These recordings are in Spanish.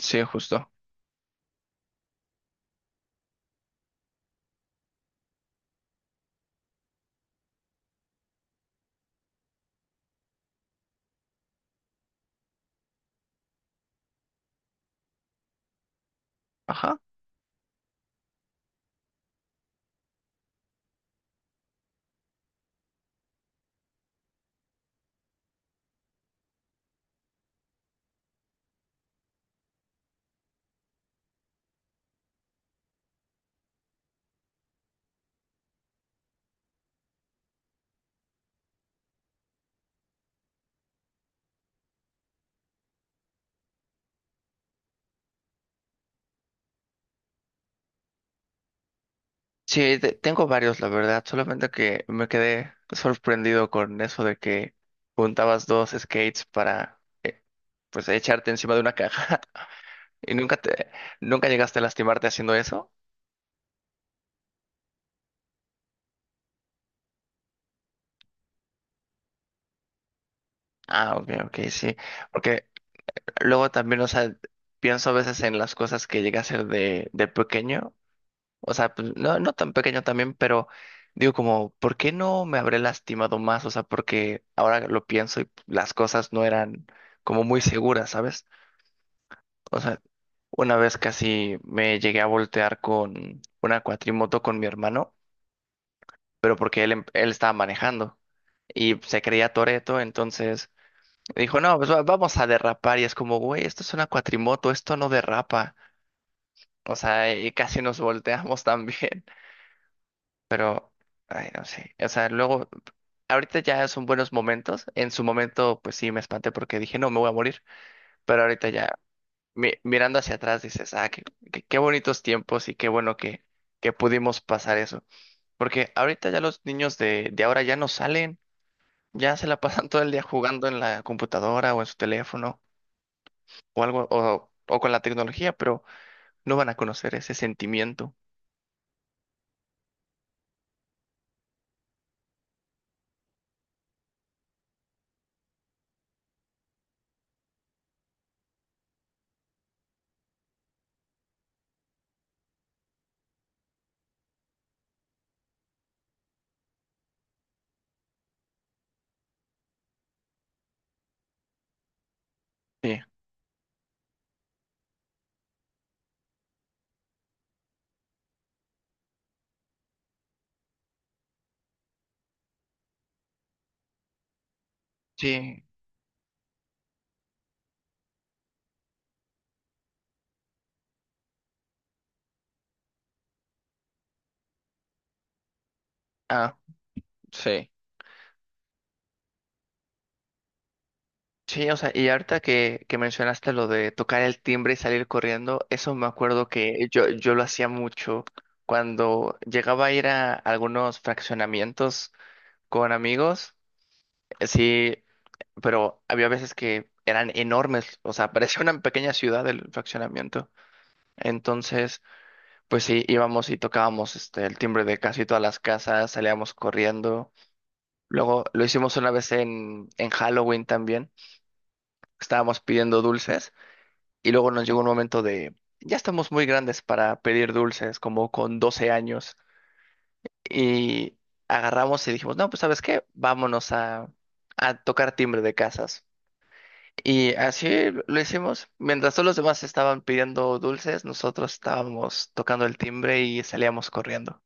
Sí, justo. Ajá. Sí, tengo varios, la verdad. Solamente que me quedé sorprendido con eso de que juntabas dos skates para, pues, echarte encima de una caja. ¿Y nunca llegaste a lastimarte haciendo eso? Ah, ok, ok, sí. Porque luego también, o sea, pienso a veces en las cosas que llegué a hacer de pequeño. O sea, pues no, no tan pequeño también, pero digo como, ¿por qué no me habré lastimado más? O sea, porque ahora lo pienso y las cosas no eran como muy seguras, ¿sabes? O sea, una vez casi me llegué a voltear con una cuatrimoto con mi hermano, pero porque él estaba manejando y se creía Toreto, entonces dijo, no, pues vamos a derrapar y es como, güey, esto es una cuatrimoto, esto no derrapa. O sea, y casi nos volteamos también. Pero, ay, no sé. O sea, luego, ahorita ya son buenos momentos. En su momento, pues sí, me espanté porque dije, no, me voy a morir. Pero ahorita ya, mirando hacia atrás, dices, ah, qué, qué bonitos tiempos y qué bueno que pudimos pasar eso. Porque ahorita ya los niños de ahora ya no salen, ya se la pasan todo el día jugando en la computadora o en su teléfono o algo, o con la tecnología, pero no van a conocer ese sentimiento. Sí. Sí. Ah, sí. Sí, o sea, y ahorita que mencionaste lo de tocar el timbre y salir corriendo, eso me acuerdo que yo lo hacía mucho cuando llegaba a ir a algunos fraccionamientos con amigos, sí, pero había veces que eran enormes, o sea, parecía una pequeña ciudad el fraccionamiento. Entonces, pues sí, íbamos y tocábamos este, el timbre de casi todas las casas, salíamos corriendo. Luego lo hicimos una vez en Halloween también, estábamos pidiendo dulces. Y luego nos llegó un momento de, ya estamos muy grandes para pedir dulces, como con 12 años. Y agarramos y dijimos, no, pues ¿sabes qué? Vámonos a tocar timbre de casas. Y así lo hicimos. Mientras todos los demás estaban pidiendo dulces, nosotros estábamos tocando el timbre y salíamos corriendo.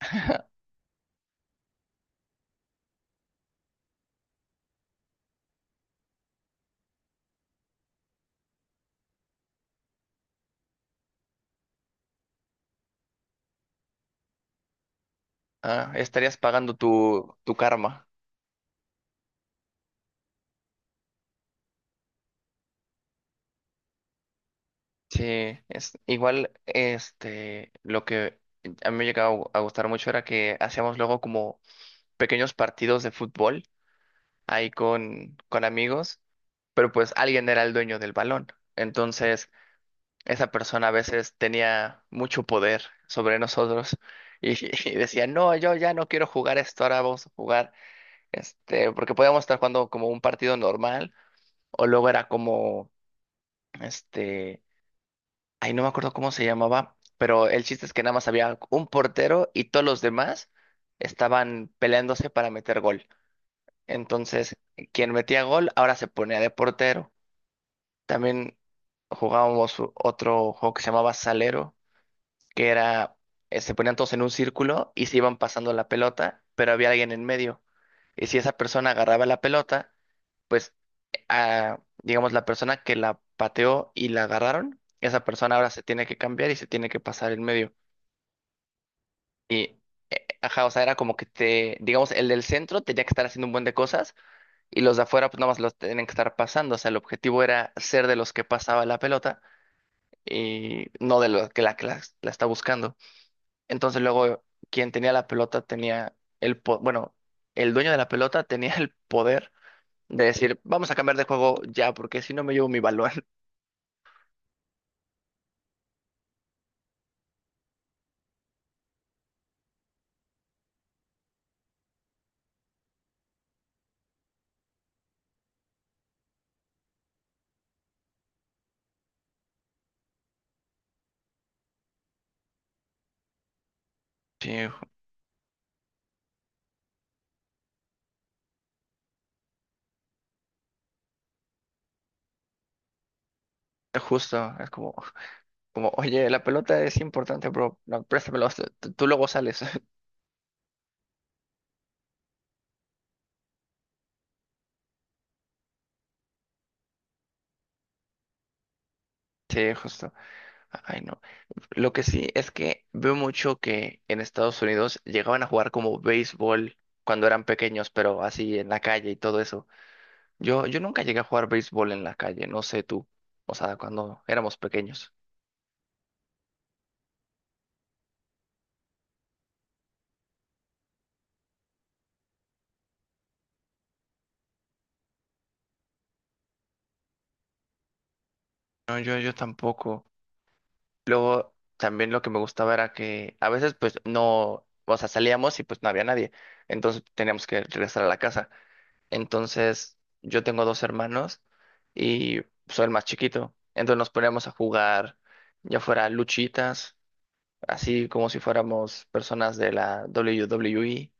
Ah, estarías pagando tu karma. Sí, es igual, este, lo que a mí me llegaba a gustar mucho era que hacíamos luego como pequeños partidos de fútbol ahí con amigos, pero pues alguien era el dueño del balón. Entonces, esa persona a veces tenía mucho poder sobre nosotros y, y decía, no, yo ya no quiero jugar esto, ahora vamos a jugar, este, porque podíamos estar jugando como un partido normal o luego era como, este, ay no me acuerdo cómo se llamaba, pero el chiste es que nada más había un portero y todos los demás estaban peleándose para meter gol. Entonces, quien metía gol ahora se ponía de portero. También jugábamos otro juego que se llamaba Salero, que era, se ponían todos en un círculo y se iban pasando la pelota, pero había alguien en medio. Y si esa persona agarraba la pelota, pues, ah, digamos, la persona que la pateó y la agarraron, esa persona ahora se tiene que cambiar y se tiene que pasar en medio. Y, ajá, o sea, era como que te, digamos, el del centro tenía que estar haciendo un buen de cosas y los de afuera pues nada más los tienen que estar pasando. O sea, el objetivo era ser de los que pasaba la pelota y no de los que la está buscando. Entonces luego quien tenía la pelota tenía bueno, el dueño de la pelota tenía el poder de decir, vamos a cambiar de juego ya, porque si no me llevo mi balón. Sí, justo, es como, como, oye, la pelota es importante, bro, no, préstamelo, tú luego sales. Sí, justo. Ay, no. Lo que sí es que veo mucho que en Estados Unidos llegaban a jugar como béisbol cuando eran pequeños, pero así en la calle y todo eso. Yo nunca llegué a jugar béisbol en la calle, no sé tú. O sea, cuando éramos pequeños. No, yo tampoco. Luego, también lo que me gustaba era que a veces pues no, o sea, salíamos y pues no había nadie. Entonces teníamos que regresar a la casa. Entonces, yo tengo dos hermanos y soy el más chiquito. Entonces nos poníamos a jugar, ya fuera luchitas, así como si fuéramos personas de la WWE,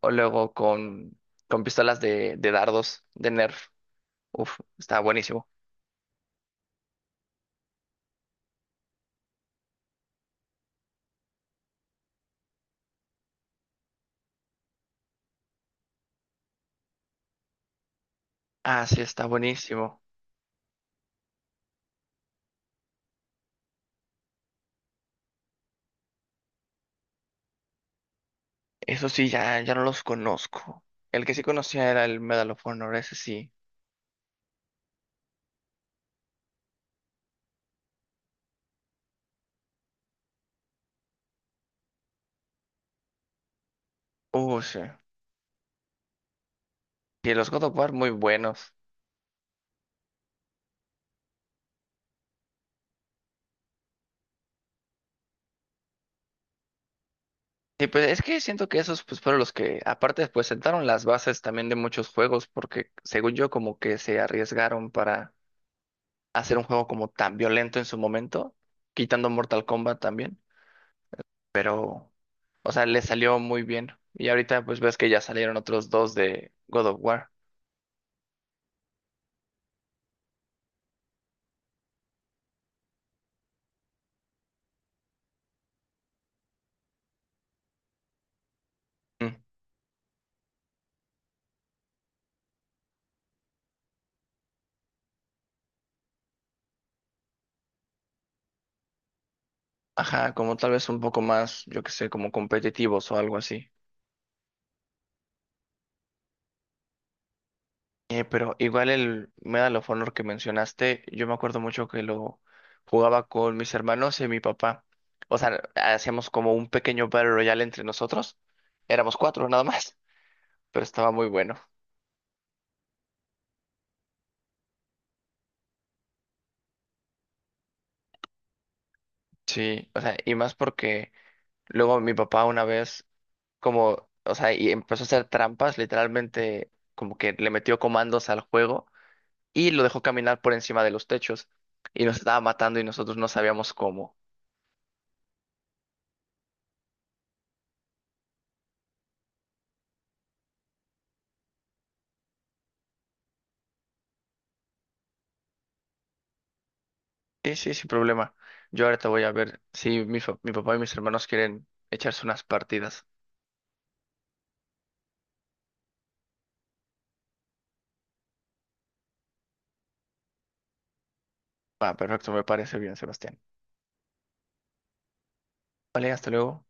o luego con pistolas de dardos, de Nerf. Uf, está buenísimo. Ah, sí, está buenísimo. Eso sí, ya, ya no los conozco. El que sí conocía era el Medal of Honor, ese sí. Sí. Y los God of War muy buenos. Sí, pues es que siento que esos pues fueron los que aparte pues sentaron las bases también de muchos juegos porque según yo como que se arriesgaron para hacer un juego como tan violento en su momento, quitando Mortal Kombat también, pero o sea, le salió muy bien. Y ahorita pues ves que ya salieron otros dos de God of War. Mm. Ajá, como tal vez un poco más, yo que sé, como competitivos o algo así. Pero igual el Medal of Honor que mencionaste, yo me acuerdo mucho que lo jugaba con mis hermanos y mi papá. O sea, hacíamos como un pequeño Battle Royale entre nosotros. Éramos cuatro nada más, pero estaba muy bueno. Sí, o sea, y más porque luego mi papá una vez, como, o sea, y empezó a hacer trampas, literalmente, como que le metió comandos al juego y lo dejó caminar por encima de los techos y nos estaba matando y nosotros no sabíamos cómo. Sí, sí, sin problema. Yo ahorita voy a ver si mi papá y mis hermanos quieren echarse unas partidas. Ah, perfecto, me parece bien, Sebastián. Vale, hasta luego.